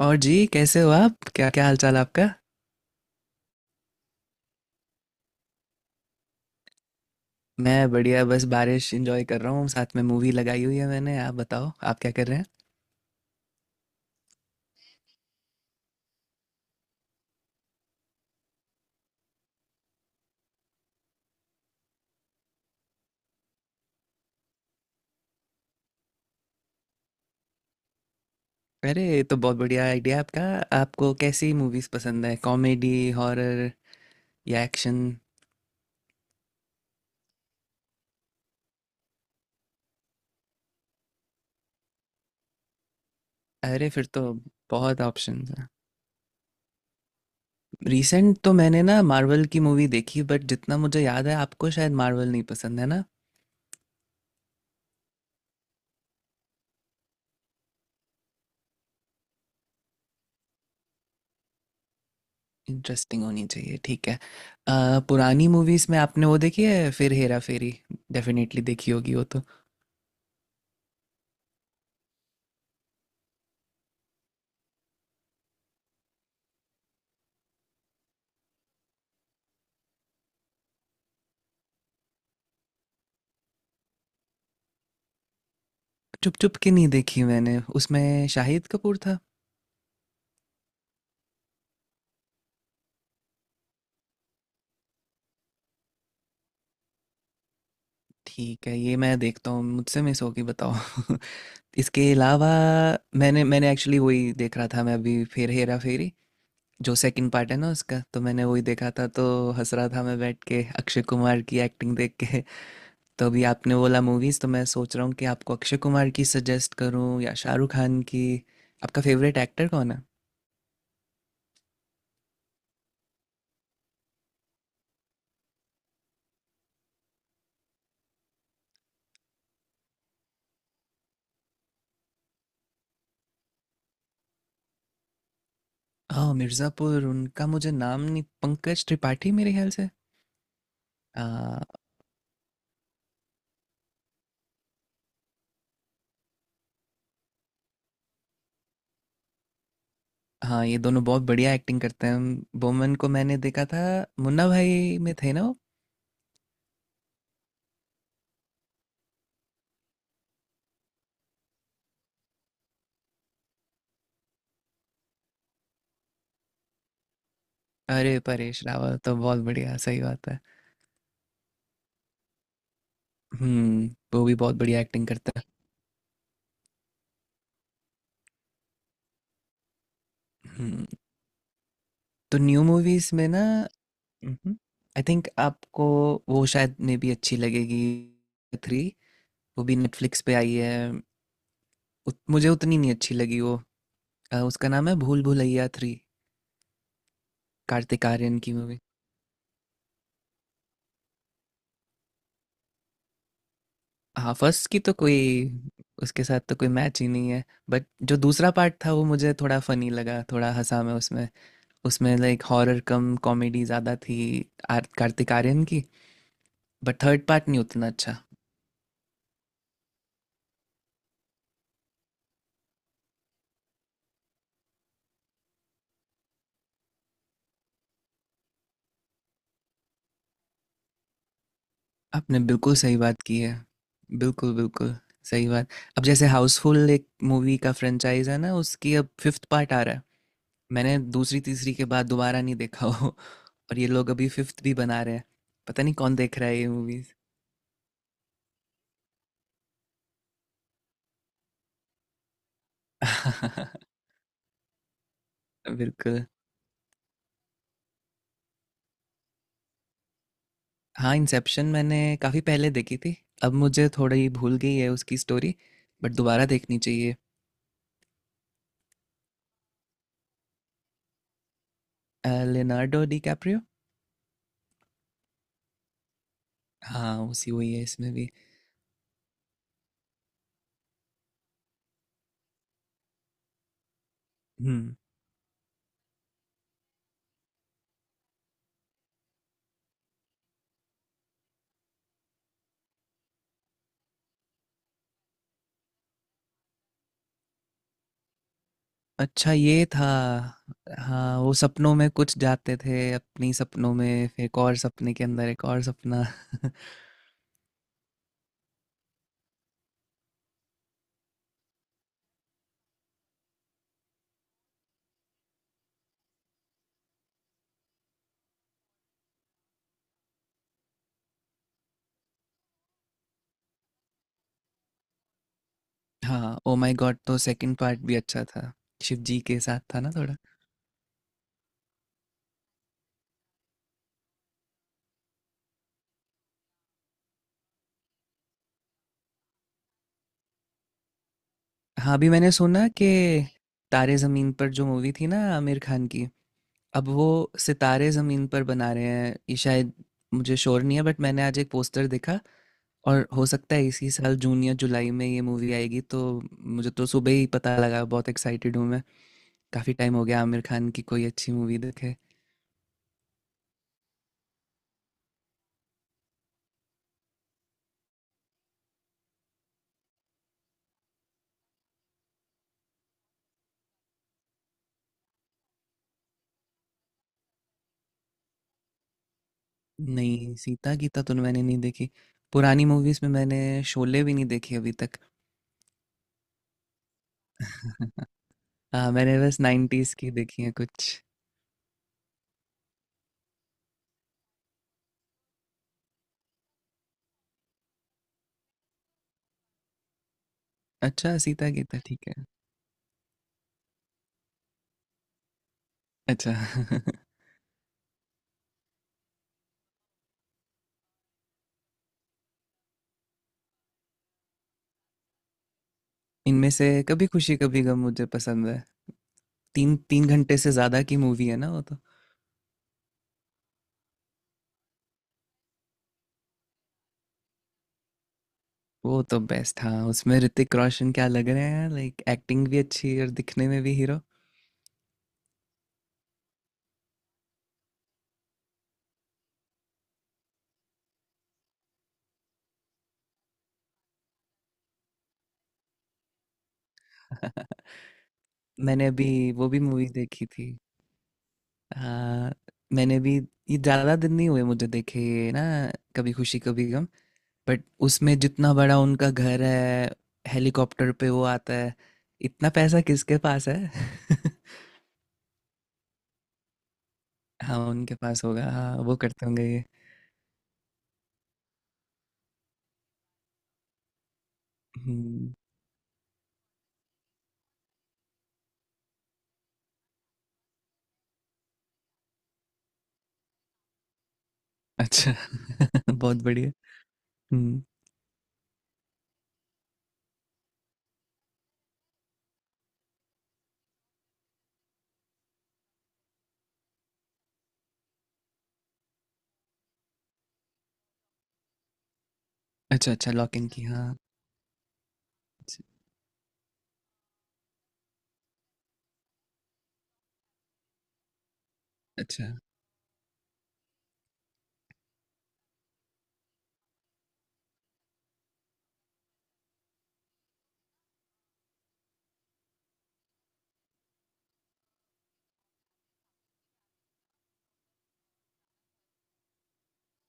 और जी कैसे हो आप? क्या क्या हाल चाल आपका? मैं बढ़िया, बस बारिश एंजॉय कर रहा हूँ, साथ में मूवी लगाई हुई है मैंने। आप बताओ, आप क्या कर रहे हैं? अरे, ये तो बहुत बढ़िया आइडिया है आपका। आपको कैसी मूवीज पसंद है? कॉमेडी, हॉरर या एक्शन? अरे फिर तो बहुत ऑप्शंस हैं। रिसेंट तो मैंने ना मार्वल की मूवी देखी, बट जितना मुझे याद है आपको शायद मार्वल नहीं पसंद है ना। इंटरेस्टिंग होनी चाहिए, ठीक है। पुरानी मूवीज में आपने वो देखी है फिर हेरा फेरी? डेफिनेटली देखी होगी वो तो। चुप चुप के नहीं देखी मैंने, उसमें शाहिद कपूर था। ठीक है, ये मैं देखता हूँ, मुझसे मिस होगी बताओ। इसके अलावा मैंने मैंने एक्चुअली वही देख रहा था मैं अभी, फिर हेरा फेरी जो सेकंड पार्ट है ना उसका, तो मैंने वही देखा था। तो हंस रहा था मैं बैठ के अक्षय कुमार की एक्टिंग देख के। तो अभी आपने बोला मूवीज, तो मैं सोच रहा हूँ कि आपको अक्षय कुमार की सजेस्ट करूँ या शाहरुख खान की। आपका फेवरेट एक्टर कौन है? हाँ, मिर्ज़ापुर, उनका मुझे नाम नहीं, पंकज त्रिपाठी मेरे ख्याल से। हाँ, ये दोनों बहुत बढ़िया एक्टिंग करते हैं। बोमन को मैंने देखा था, मुन्ना भाई में थे ना वो? अरे परेश रावल तो बहुत बढ़िया, सही बात है। हम्म। वो भी बहुत बढ़िया एक्टिंग करता है। हम्म। तो न्यू मूवीज में ना, आई थिंक आपको वो शायद में भी अच्छी लगेगी, थ्री, वो भी नेटफ्लिक्स पे आई है। मुझे उतनी नहीं अच्छी लगी वो। उसका नाम है भूल भुलैया थ्री, कार्तिक आर्यन की मूवी। हाँ फर्स्ट की तो कोई, उसके साथ तो कोई मैच ही नहीं है। बट जो दूसरा पार्ट था वो मुझे थोड़ा फनी लगा, थोड़ा हंसा मैं उसमें। उसमें लाइक हॉरर कम कॉमेडी ज़्यादा थी, आर कार्तिक आर्यन की। बट थर्ड पार्ट नहीं उतना अच्छा। आपने बिल्कुल सही बात की है। बिल्कुल बिल्कुल सही बात। अब जैसे हाउसफुल, एक मूवी का फ्रेंचाइज है ना, उसकी अब फिफ्थ पार्ट आ रहा है। मैंने दूसरी तीसरी के बाद दोबारा नहीं देखा हो, और ये लोग अभी फिफ्थ भी बना रहे हैं। पता नहीं कौन देख रहा है ये मूवीज। बिल्कुल। हाँ इंसेप्शन मैंने काफ़ी पहले देखी थी, अब मुझे थोड़ी भूल गई है उसकी स्टोरी, बट दोबारा देखनी चाहिए। Leonardo D Caprio. हाँ उसी वही है इसमें भी। हम्म। अच्छा ये था। हाँ वो सपनों में कुछ जाते थे, अपनी सपनों में, फिर एक और सपने के अंदर एक और सपना। हाँ ओ माय गॉड तो सेकंड पार्ट भी अच्छा था, शिव जी के साथ था ना थोड़ा। हाँ अभी मैंने सुना कि तारे ज़मीन पर जो मूवी थी ना आमिर खान की, अब वो सितारे ज़मीन पर बना रहे हैं ये शायद। मुझे श्योर नहीं है, बट मैंने आज एक पोस्टर देखा और हो सकता है इसी साल जून या जुलाई में ये मूवी आएगी। तो मुझे तो सुबह ही पता लगा, बहुत एक्साइटेड हूँ मैं। काफ़ी टाइम हो गया आमिर खान की कोई अच्छी मूवी देखे। नहीं, सीता गीता तो मैंने नहीं देखी। पुरानी मूवीज़ में मैंने शोले भी नहीं देखी अभी तक। हाँ मैंने बस 90's की देखी है कुछ। अच्छा सीता गीता ठीक है। अच्छा। इनमें से कभी खुशी कभी गम मुझे पसंद है। 3 घंटे से ज्यादा की मूवी है ना वो तो। वो तो बेस्ट, हाँ, उसमें ऋतिक रोशन क्या लग रहे हैं, लाइक एक्टिंग भी अच्छी और दिखने में भी हीरो। मैंने अभी वो भी मूवी देखी थी। हाँ मैंने भी, ये ज्यादा दिन नहीं हुए मुझे देखे ये ना, कभी खुशी कभी गम। बट उसमें जितना बड़ा उनका घर है, हेलीकॉप्टर पे वो आता है, इतना पैसा किसके पास है? हाँ उनके पास होगा, हाँ वो करते होंगे ये। हम्म। अच्छा, बहुत बढ़िया। हम्म। अच्छा, अच्छा लॉक-इन की, हाँ, अच्छ, अच्छा।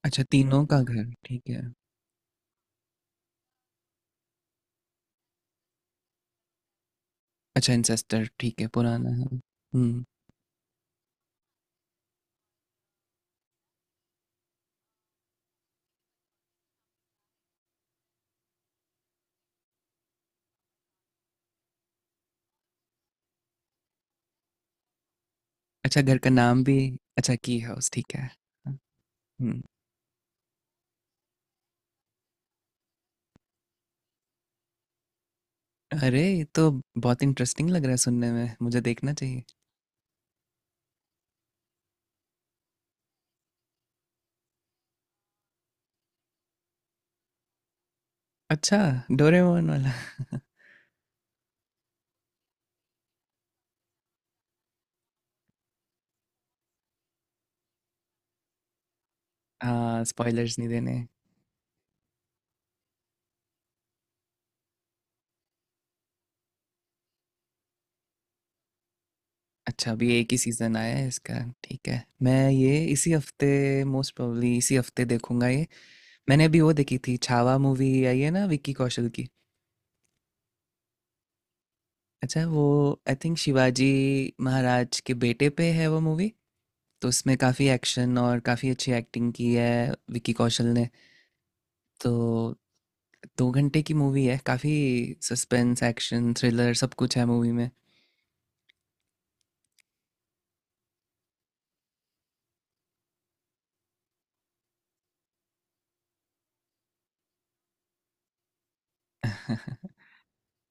अच्छा तीनों का घर, ठीक है। अच्छा इंसेस्टर ठीक है, पुराना है। हुँ। अच्छा घर का नाम भी, अच्छा की हाउस ठीक है। हाँ, हुँ। अरे! ये तो बहुत इंटरेस्टिंग लग रहा है सुनने में, मुझे देखना चाहिए। अच्छा, डोरेमॉन वाला। हाँ, स्पॉयलर्स नहीं देने। अच्छा अभी एक ही सीज़न आया है इसका, ठीक है। मैं ये इसी हफ्ते, मोस्ट प्रोबेबली इसी हफ्ते देखूँगा ये। मैंने अभी वो देखी थी, छावा मूवी आई है ना विक्की कौशल की। अच्छा वो आई थिंक शिवाजी महाराज के बेटे पे है वो मूवी। तो उसमें काफ़ी एक्शन और काफ़ी अच्छी एक्टिंग की है विकी कौशल ने। तो 2 घंटे की मूवी है, काफ़ी सस्पेंस, एक्शन, थ्रिलर सब कुछ है मूवी में।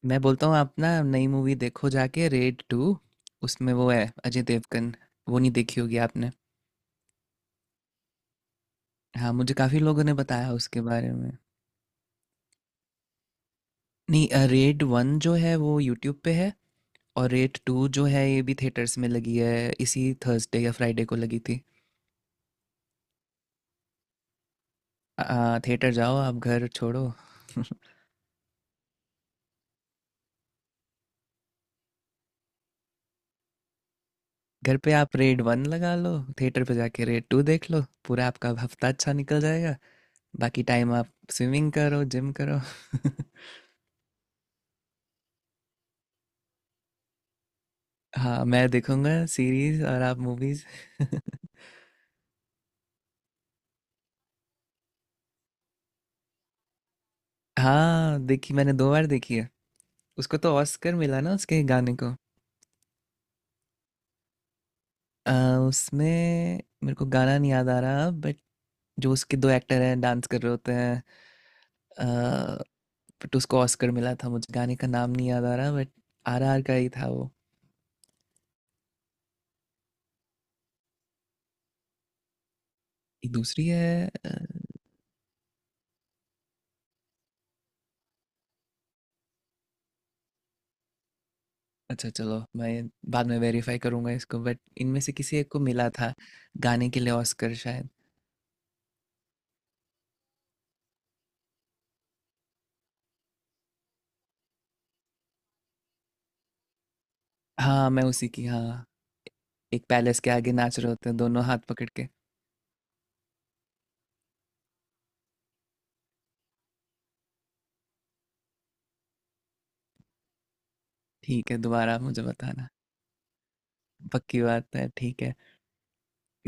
मैं बोलता हूँ आप ना नई मूवी देखो जाके, रेड टू। उसमें वो है अजय देवगन, वो नहीं देखी होगी आपने। हाँ मुझे काफ़ी लोगों ने बताया उसके बारे में। नहीं, रेड वन जो है वो यूट्यूब पे है, और रेड टू जो है ये भी थिएटर्स में लगी है, इसी थर्सडे या फ्राइडे को लगी थी। थिएटर जाओ आप, घर छोड़ो। घर पे आप रेड वन लगा लो, थिएटर पे जाके रेड टू देख लो, पूरा आपका हफ्ता अच्छा निकल जाएगा। बाकी टाइम आप स्विमिंग करो, जिम करो। हाँ मैं देखूंगा सीरीज और आप मूवीज। हाँ देखी, मैंने 2 बार देखी है। उसको तो ऑस्कर मिला ना उसके गाने को। आ, उसमें मेरे को गाना नहीं याद आ रहा, बट जो उसके दो एक्टर हैं डांस कर रहे होते हैं। बट उसको ऑस्कर मिला था, मुझे गाने का नाम नहीं याद आ रहा, बट आरआर का ही था वो। एक दूसरी है, अच्छा चलो मैं बाद में वेरीफाई करूंगा इसको, बट इनमें से किसी एक को मिला था गाने के लिए ऑस्कर शायद। हाँ मैं उसी की हाँ, एक पैलेस के आगे नाच रहे होते हैं दोनों हाथ पकड़ के। ठीक है दोबारा मुझे बताना, पक्की बात है, ठीक है।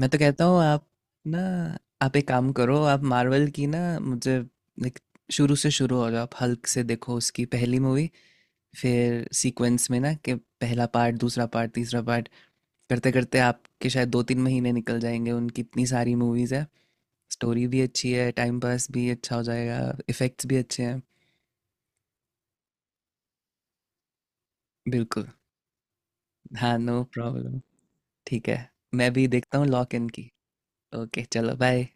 मैं तो कहता हूँ आप ना, आप एक काम करो, आप मार्वल की ना मुझे, लाइक, शुरू से शुरू हो जाओ, आप हल्क से देखो उसकी पहली मूवी, फिर सीक्वेंस में ना कि पहला पार्ट, दूसरा पार्ट, तीसरा पार्ट, करते करते आपके शायद 2 तीन महीने निकल जाएंगे, उनकी इतनी सारी मूवीज़ है। स्टोरी भी अच्छी है, टाइम पास भी अच्छा हो जाएगा, इफ़ेक्ट्स भी अच्छे हैं। बिल्कुल। हाँ नो प्रॉब्लम। ठीक है, मैं भी देखता हूँ लॉक इन की। ओके चलो बाय।